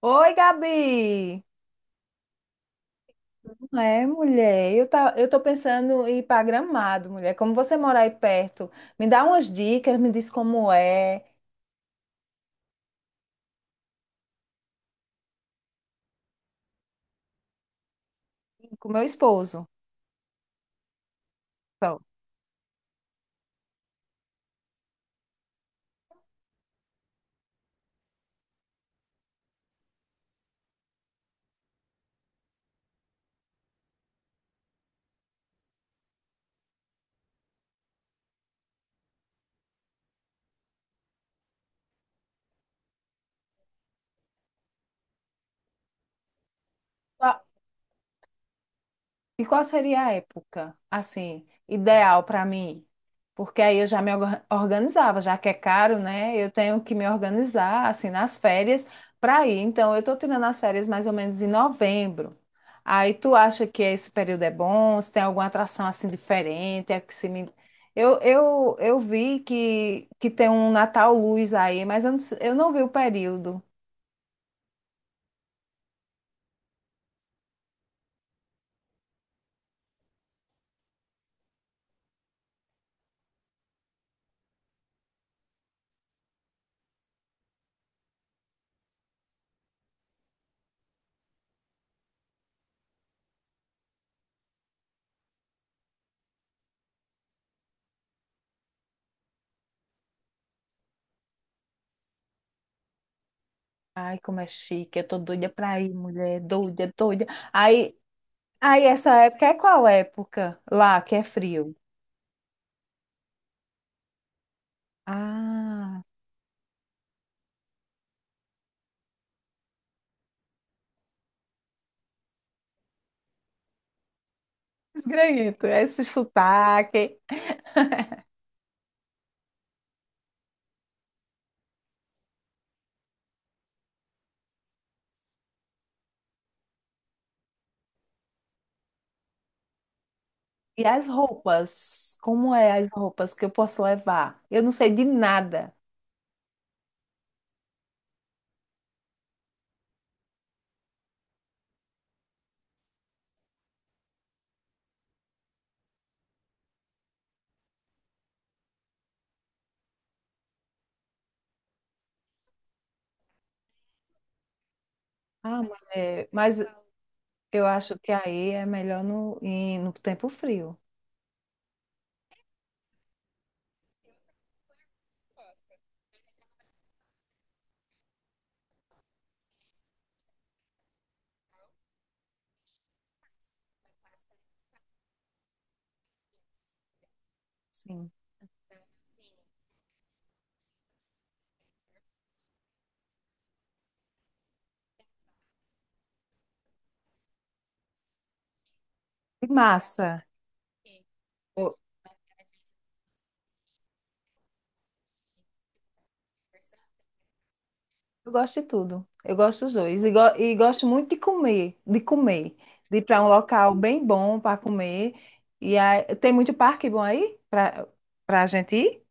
Oi, Gabi! Não, mulher, eu tô pensando em ir para Gramado, mulher. Como você mora aí perto, me dá umas dicas, me diz como é, com meu esposo. Então. E qual seria a época, assim, ideal para mim? Porque aí eu já organizava, já que é caro, né? Eu tenho que me organizar, assim, nas férias para ir. Então, eu estou tirando as férias mais ou menos em novembro. Aí, tu acha que esse período é bom? Se tem alguma atração, assim, diferente? É que se me... Eu vi que tem um Natal Luz aí, mas eu não vi o período. Ai, como é chique, eu tô doida pra ir, mulher, doida, doida. Aí Aí, essa época é qual época? Lá, que é frio. Ah, esgranhento, esse sotaque. E as roupas? Como é as roupas que eu posso levar? Eu não sei de nada. Ah, mulher, mas eu acho que aí é melhor ir no tempo frio. Sim. E massa. Eu gosto de tudo. Eu gosto dos dois. E, e gosto muito de comer, de comer. De ir para um local bem bom para comer. E aí, tem muito parque bom aí para a gente ir?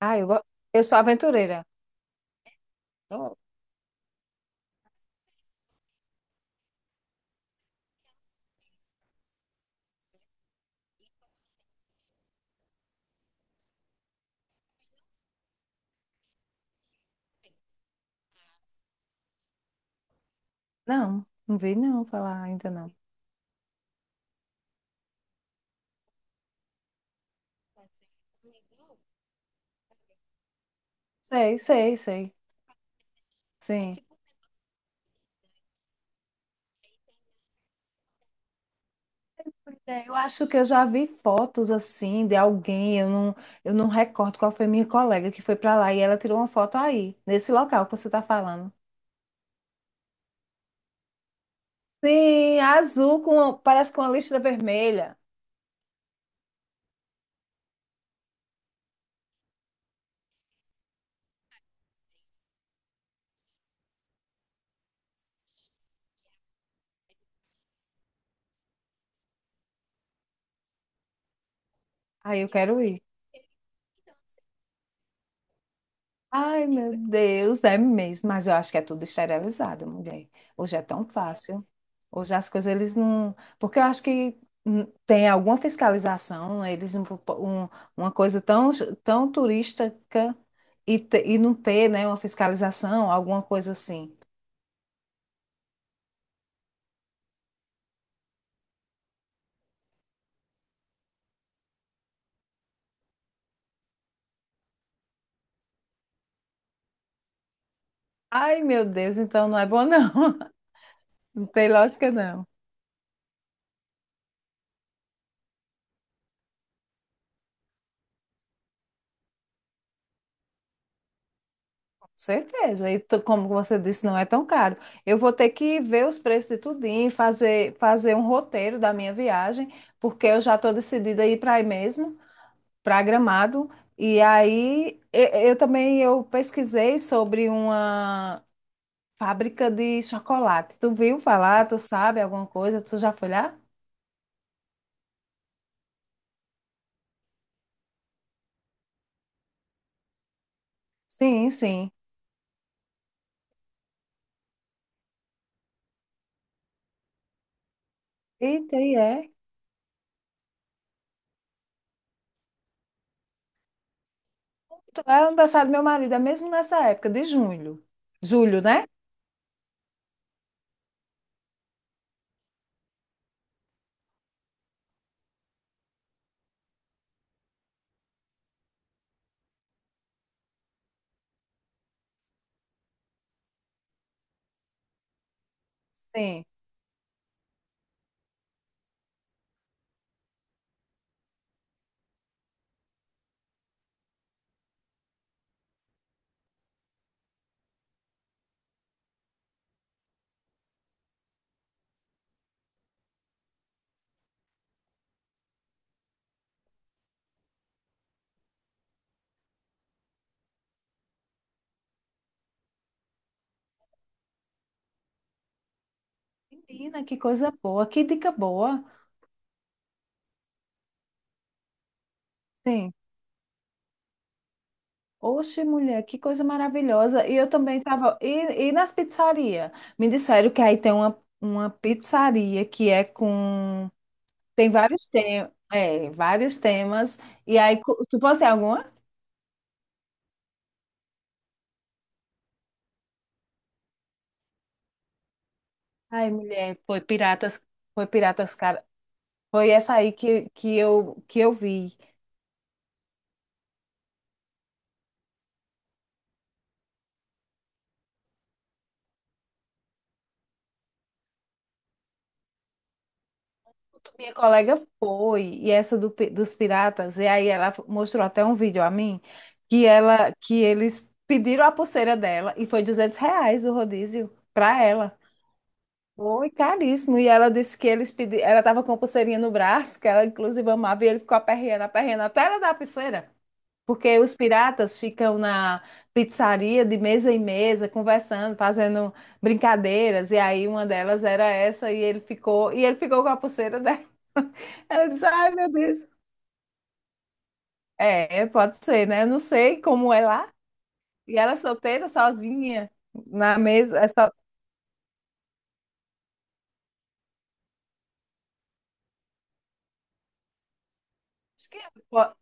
Ah, eu sou aventureira. Oh. Não, não vi não falar ainda não. Sei, sei, sei. Sim. É, eu acho que eu já vi fotos assim de alguém, eu não recordo qual foi minha colega que foi para lá e ela tirou uma foto aí, nesse local que você está falando. Sim, azul com, parece com uma listra vermelha. Aí eu quero ir. Ai, meu Deus, é mesmo. Mas eu acho que é tudo esterilizado, mulher. Hoje é tão fácil. Hoje as coisas eles não. Porque eu acho que tem alguma fiscalização, eles não propo- um- uma coisa tão turística e não ter, né, uma fiscalização, alguma coisa assim. Ai, meu Deus, então não é bom, não. Não tem lógica, não. Certeza. E como você disse, não é tão caro. Eu vou ter que ver os preços de tudinho, fazer um roteiro da minha viagem, porque eu já estou decidida a ir para aí mesmo, para Gramado. E aí também eu pesquisei sobre uma fábrica de chocolate. Tu viu falar? Tu sabe alguma coisa? Tu já foi lá? Sim, sim. Eita, e é. É o aniversário do meu marido, é mesmo nessa época de julho. Julho, né? Sim. Menina, que coisa boa, que dica boa. Sim. Oxe, mulher, que coisa maravilhosa. E eu também estava e nas pizzarias? Me disseram que aí tem uma pizzaria que é com. Tem vários temas. É, vários temas. E aí, tu fosse alguma? Ai, mulher, foi Piratas. Foi Piratas, cara. Foi essa aí que eu vi. Minha colega foi, e essa dos piratas, e aí ela mostrou até um vídeo a mim, que eles pediram a pulseira dela, e foi R$ 200 o rodízio para ela. Foi caríssimo, e ela disse que eles pediram, ela estava com a pulseirinha no braço, que ela inclusive amava, e ele ficou aperreando, aperreando, até ela dar a pulseira. Porque os piratas ficam na pizzaria de mesa em mesa, conversando, fazendo brincadeiras, e aí uma delas era essa, e ele ficou com a pulseira dela. Ela disse, ai meu Deus. É, pode ser, né? Eu não sei como é lá. E ela é solteira, sozinha, na mesa. É só... Acho que po-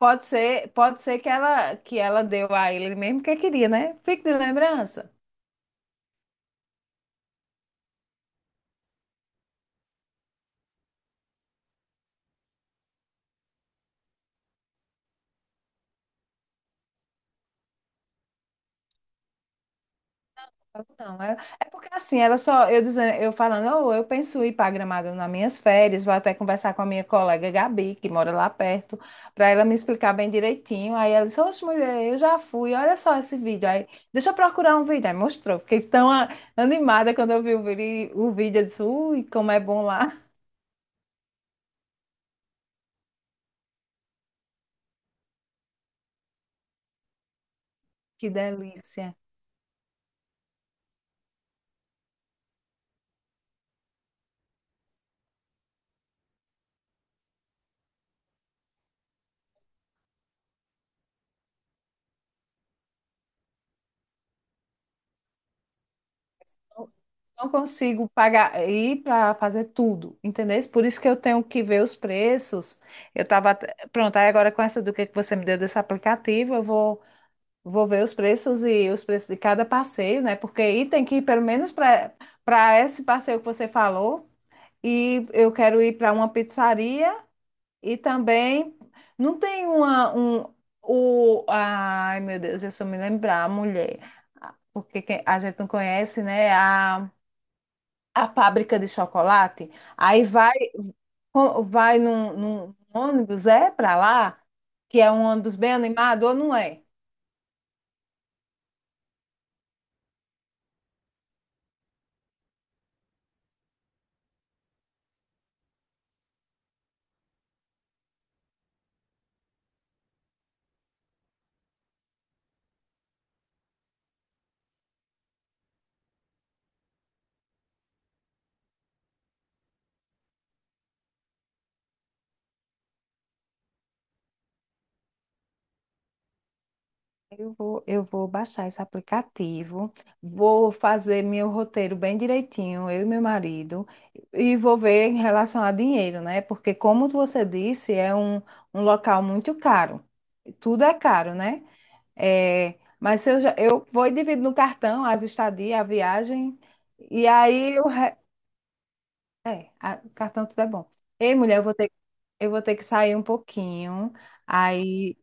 Pode ser que ela deu a ele mesmo que queria, né? Fique de lembrança. Não, é, é porque assim, eu dizendo, eu falando, "Oh, eu penso em ir para Gramado nas minhas férias, vou até conversar com a minha colega Gabi, que mora lá perto, para ela me explicar bem direitinho. Aí ela disse, oxe, mulher, eu já fui, olha só esse vídeo. Aí, deixa eu procurar um vídeo. Aí mostrou, fiquei animada quando eu vi o vídeo, eu disse, ui, como é bom lá, que delícia. Não consigo pagar ir para fazer tudo, entendeu? Por isso que eu tenho que ver os preços. Eu estava pronto, aí agora com essa do que você me deu desse aplicativo, eu vou vou ver os preços e os preços de cada passeio, né? Porque aí tem que ir pelo menos para esse passeio que você falou e eu quero ir para uma pizzaria e também não tem uma um o ai meu Deus, deixa eu me lembrar, mulher. Porque a gente não conhece, né? A fábrica de chocolate, aí vai, co- vai num, num ônibus, é para lá, que é um ônibus bem animado ou não é? Eu vou baixar esse aplicativo, vou fazer meu roteiro bem direitinho, eu e meu marido, e vou ver em relação a dinheiro, né? Porque, como você disse, é um local muito caro. Tudo é caro, né? Eu vou e divido no cartão as estadias, a viagem, e aí eu, é, o cartão tudo é bom. Ei, mulher, eu vou ter que sair um pouquinho. Aí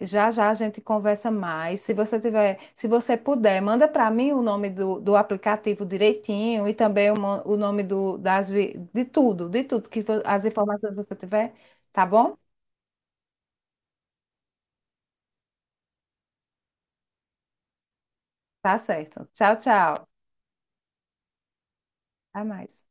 já já a gente conversa mais. Se você tiver, se você puder, manda para mim do aplicativo direitinho e também o, mo- o nome do, das, vi- de tudo, as informações que você tiver, tá bom? Tá certo. Tchau, tchau. Até mais.